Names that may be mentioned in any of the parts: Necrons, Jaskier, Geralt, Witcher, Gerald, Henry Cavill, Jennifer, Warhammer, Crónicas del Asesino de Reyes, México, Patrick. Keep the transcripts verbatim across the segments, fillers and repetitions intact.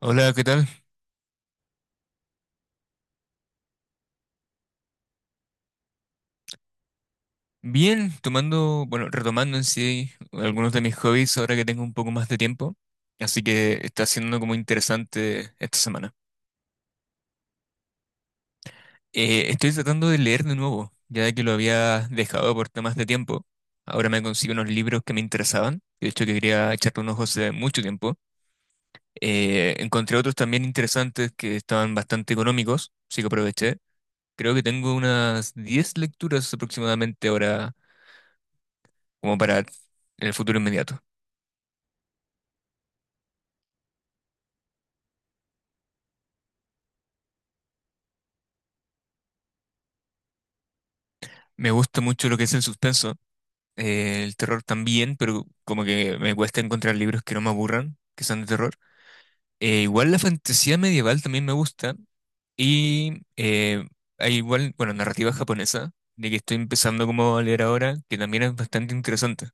Hola, ¿qué tal? Bien, tomando, bueno, retomando en sí algunos de mis hobbies ahora que tengo un poco más de tiempo, así que está siendo como interesante esta semana. Eh, estoy tratando de leer de nuevo, ya que lo había dejado por temas de tiempo. Ahora me consigo unos libros que me interesaban, de hecho que quería echarle unos ojos hace mucho tiempo. Eh, encontré otros también interesantes que estaban bastante económicos, así que aproveché. Creo que tengo unas diez lecturas aproximadamente ahora, como para el futuro inmediato. Me gusta mucho lo que es el suspenso, eh, el terror también, pero como que me cuesta encontrar libros que no me aburran, que sean de terror. Eh, igual la fantasía medieval también me gusta y eh, hay igual, bueno, narrativa japonesa, de que estoy empezando como a leer ahora, que también es bastante interesante.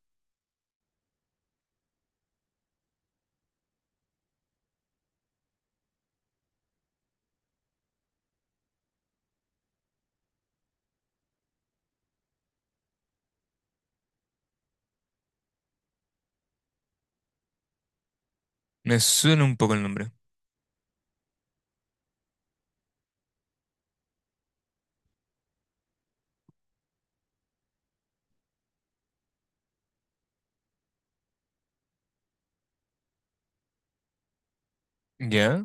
Me suena un poco el nombre. ¿Ya?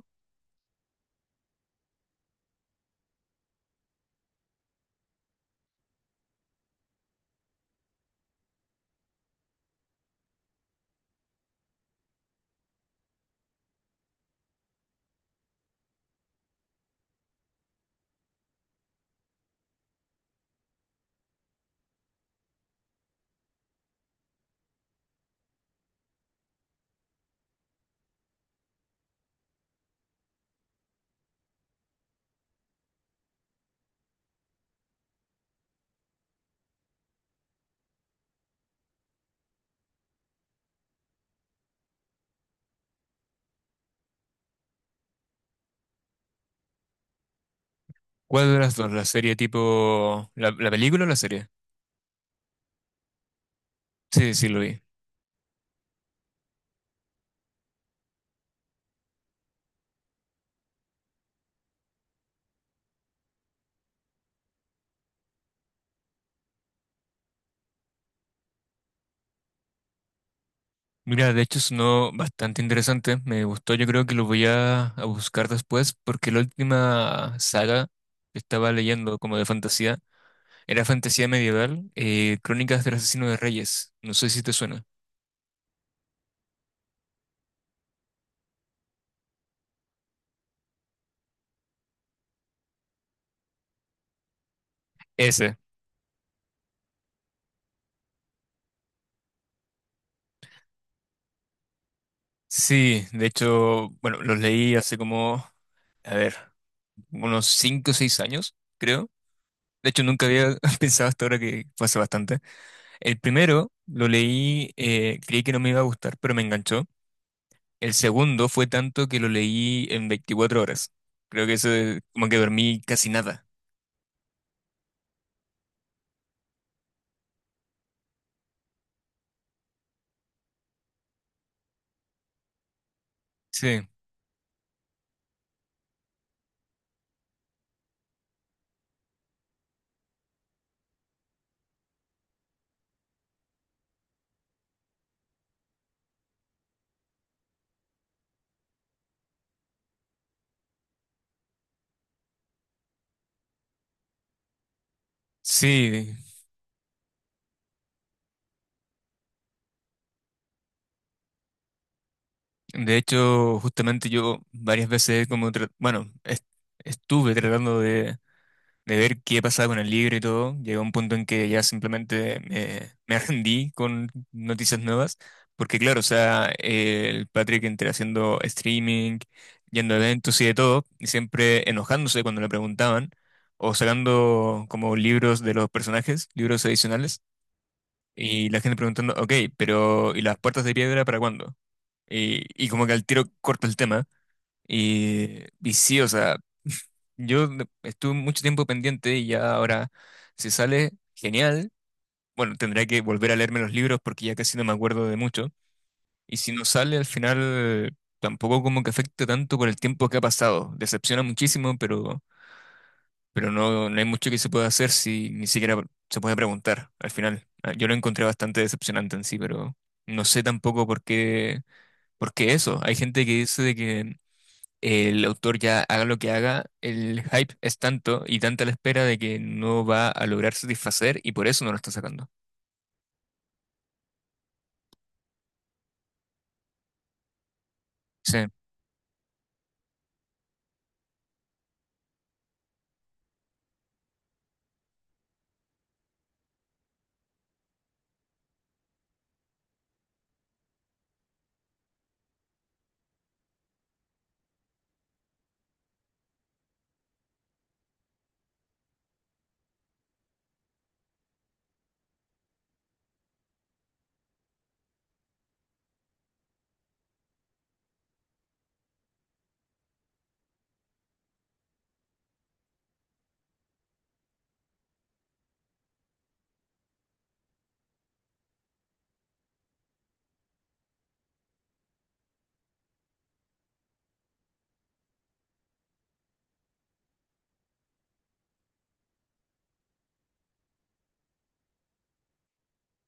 ¿Cuál de las dos? ¿La serie tipo... ¿La, la película o la serie? Sí, sí, lo vi. Mira, de hecho sonó bastante interesante, me gustó, yo creo que lo voy a, a buscar después, porque la última saga que estaba leyendo como de fantasía era fantasía medieval, eh, Crónicas del Asesino de Reyes, no sé si te suena. Ese. Sí, de hecho, bueno, los leí hace como, a ver, unos cinco o seis años, creo. De hecho, nunca había pensado hasta ahora que fue hace bastante. El primero lo leí, eh, creí que no me iba a gustar, pero me enganchó. El segundo fue tanto que lo leí en veinticuatro horas. Creo que eso es como que dormí casi nada. Sí, sí. De hecho, justamente yo varias veces como, tra- bueno, est- estuve tratando de de ver qué pasaba con el libro y todo, llegué a un punto en que ya simplemente me, me rendí con noticias nuevas, porque claro, o sea, eh, el Patrick entre haciendo streaming, yendo a eventos y de todo, y siempre enojándose cuando le preguntaban, o sacando como libros de los personajes, libros adicionales, y la gente preguntando, ok, pero ¿y las puertas de piedra para cuándo? Y, y como que al tiro corta el tema. Y, y sí, o sea, yo de- estuve mucho tiempo pendiente y ya ahora, si sale, genial. Bueno, tendré que volver a leerme los libros porque ya casi no me acuerdo de mucho. Y si no sale, al final tampoco como que afecta tanto por el tiempo que ha pasado. Decepciona muchísimo, pero, pero no, no hay mucho que se pueda hacer si ni siquiera se puede preguntar al final. Ah, yo lo encontré bastante decepcionante en sí, pero no sé tampoco por qué, por qué eso. Hay gente que dice de que el autor ya haga lo que haga, el hype es tanto y tanta la espera de que no va a lograr satisfacer y por eso no lo está sacando. Sí,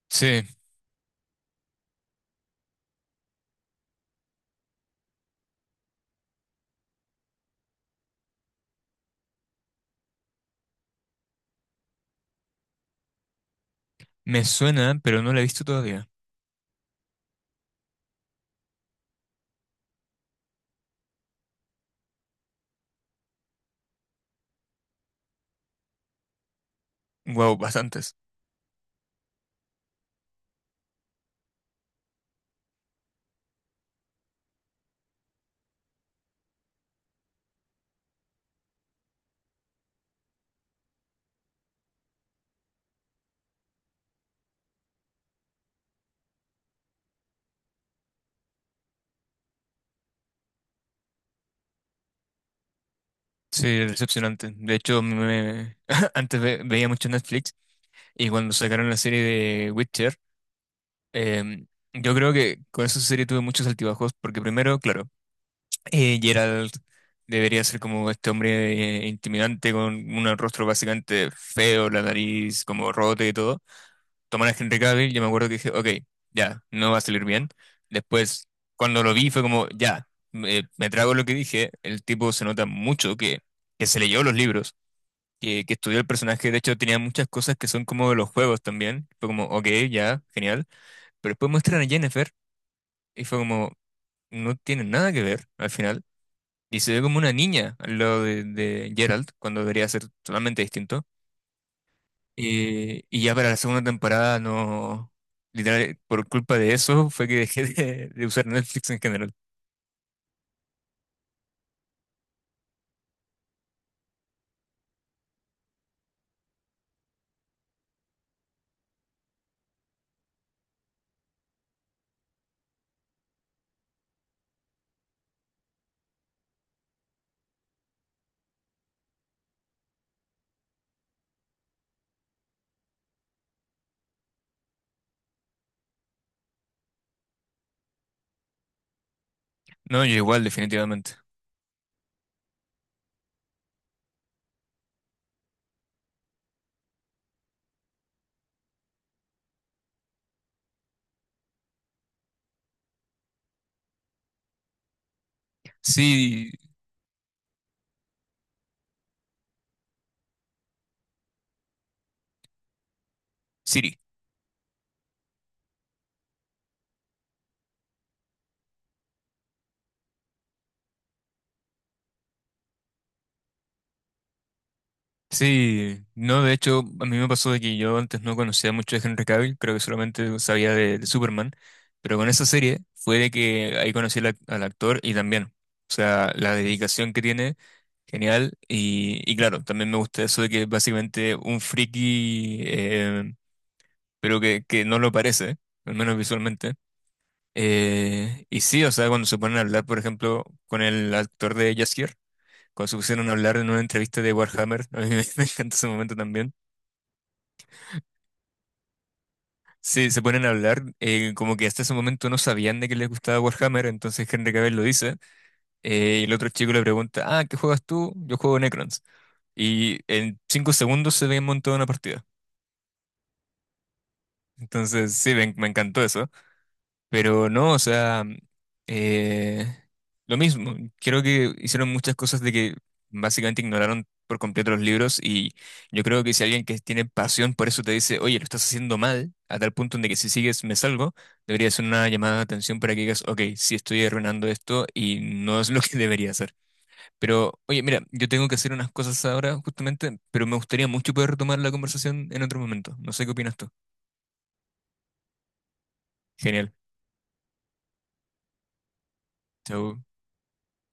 sí, me suena, pero no la he visto todavía. Wow, bastantes. Sí, decepcionante. De hecho, me- antes ve- veía mucho Netflix y cuando sacaron la serie de Witcher, em, yo creo que con esa serie tuve muchos altibajos porque primero, claro, Eh, Gerald debería ser como este hombre eh, intimidante con un rostro básicamente feo, la nariz como rota y todo. Tomar a Henry Cavill, yo me acuerdo que dije, ok, ya, no va a salir bien. Después, cuando lo vi, fue como, ya, me, me trago lo que dije. El tipo se nota mucho que, que se leyó los libros, que, que estudió el personaje. De hecho, tenía muchas cosas que son como de los juegos también. Fue como, ok, ya, genial. Pero después muestran a Jennifer y fue como, no tiene nada que ver al final. Y se ve como una niña al lado de, de Geralt, cuando debería ser totalmente distinto. Y, y ya para la segunda temporada no... Literal, por culpa de eso fue que dejé de, de usar Netflix en general. No, yo igual, definitivamente. Sí, Siri. Sí, no, de hecho, a mí me pasó de que yo antes no conocía mucho de Henry Cavill, creo que solamente sabía de, de Superman, pero con esa serie fue de que ahí conocí al, ac- al actor y también, o sea, la dedicación que tiene, genial, y, y claro, también me gusta eso de que es básicamente un friki, eh, pero que, que no lo parece, al menos visualmente. Eh, y sí, o sea, cuando se ponen a hablar, por ejemplo, con el actor de Jaskier, cuando se pusieron a hablar en una entrevista de Warhammer, a mí me me encanta ese momento también. Sí, se ponen a hablar, eh, como que hasta ese momento no sabían de que les gustaba Warhammer, entonces Henry Cavill lo dice, eh, y el otro chico le pregunta, ah, ¿qué juegas tú? Yo juego Necrons. Y en cinco segundos se ven montada una partida. Entonces, sí, me, me encantó eso. Pero no, o sea, eh, lo mismo. Creo que hicieron muchas cosas de que básicamente ignoraron por completo los libros y yo creo que si alguien que tiene pasión por eso te dice, oye, lo estás haciendo mal, a tal punto en de que si sigues me salgo, debería ser una llamada de atención para que digas, ok, sí estoy arruinando esto y no es lo que debería hacer. Pero, oye, mira, yo tengo que hacer unas cosas ahora justamente, pero me gustaría mucho poder retomar la conversación en otro momento. No sé qué opinas tú. Genial. Chau.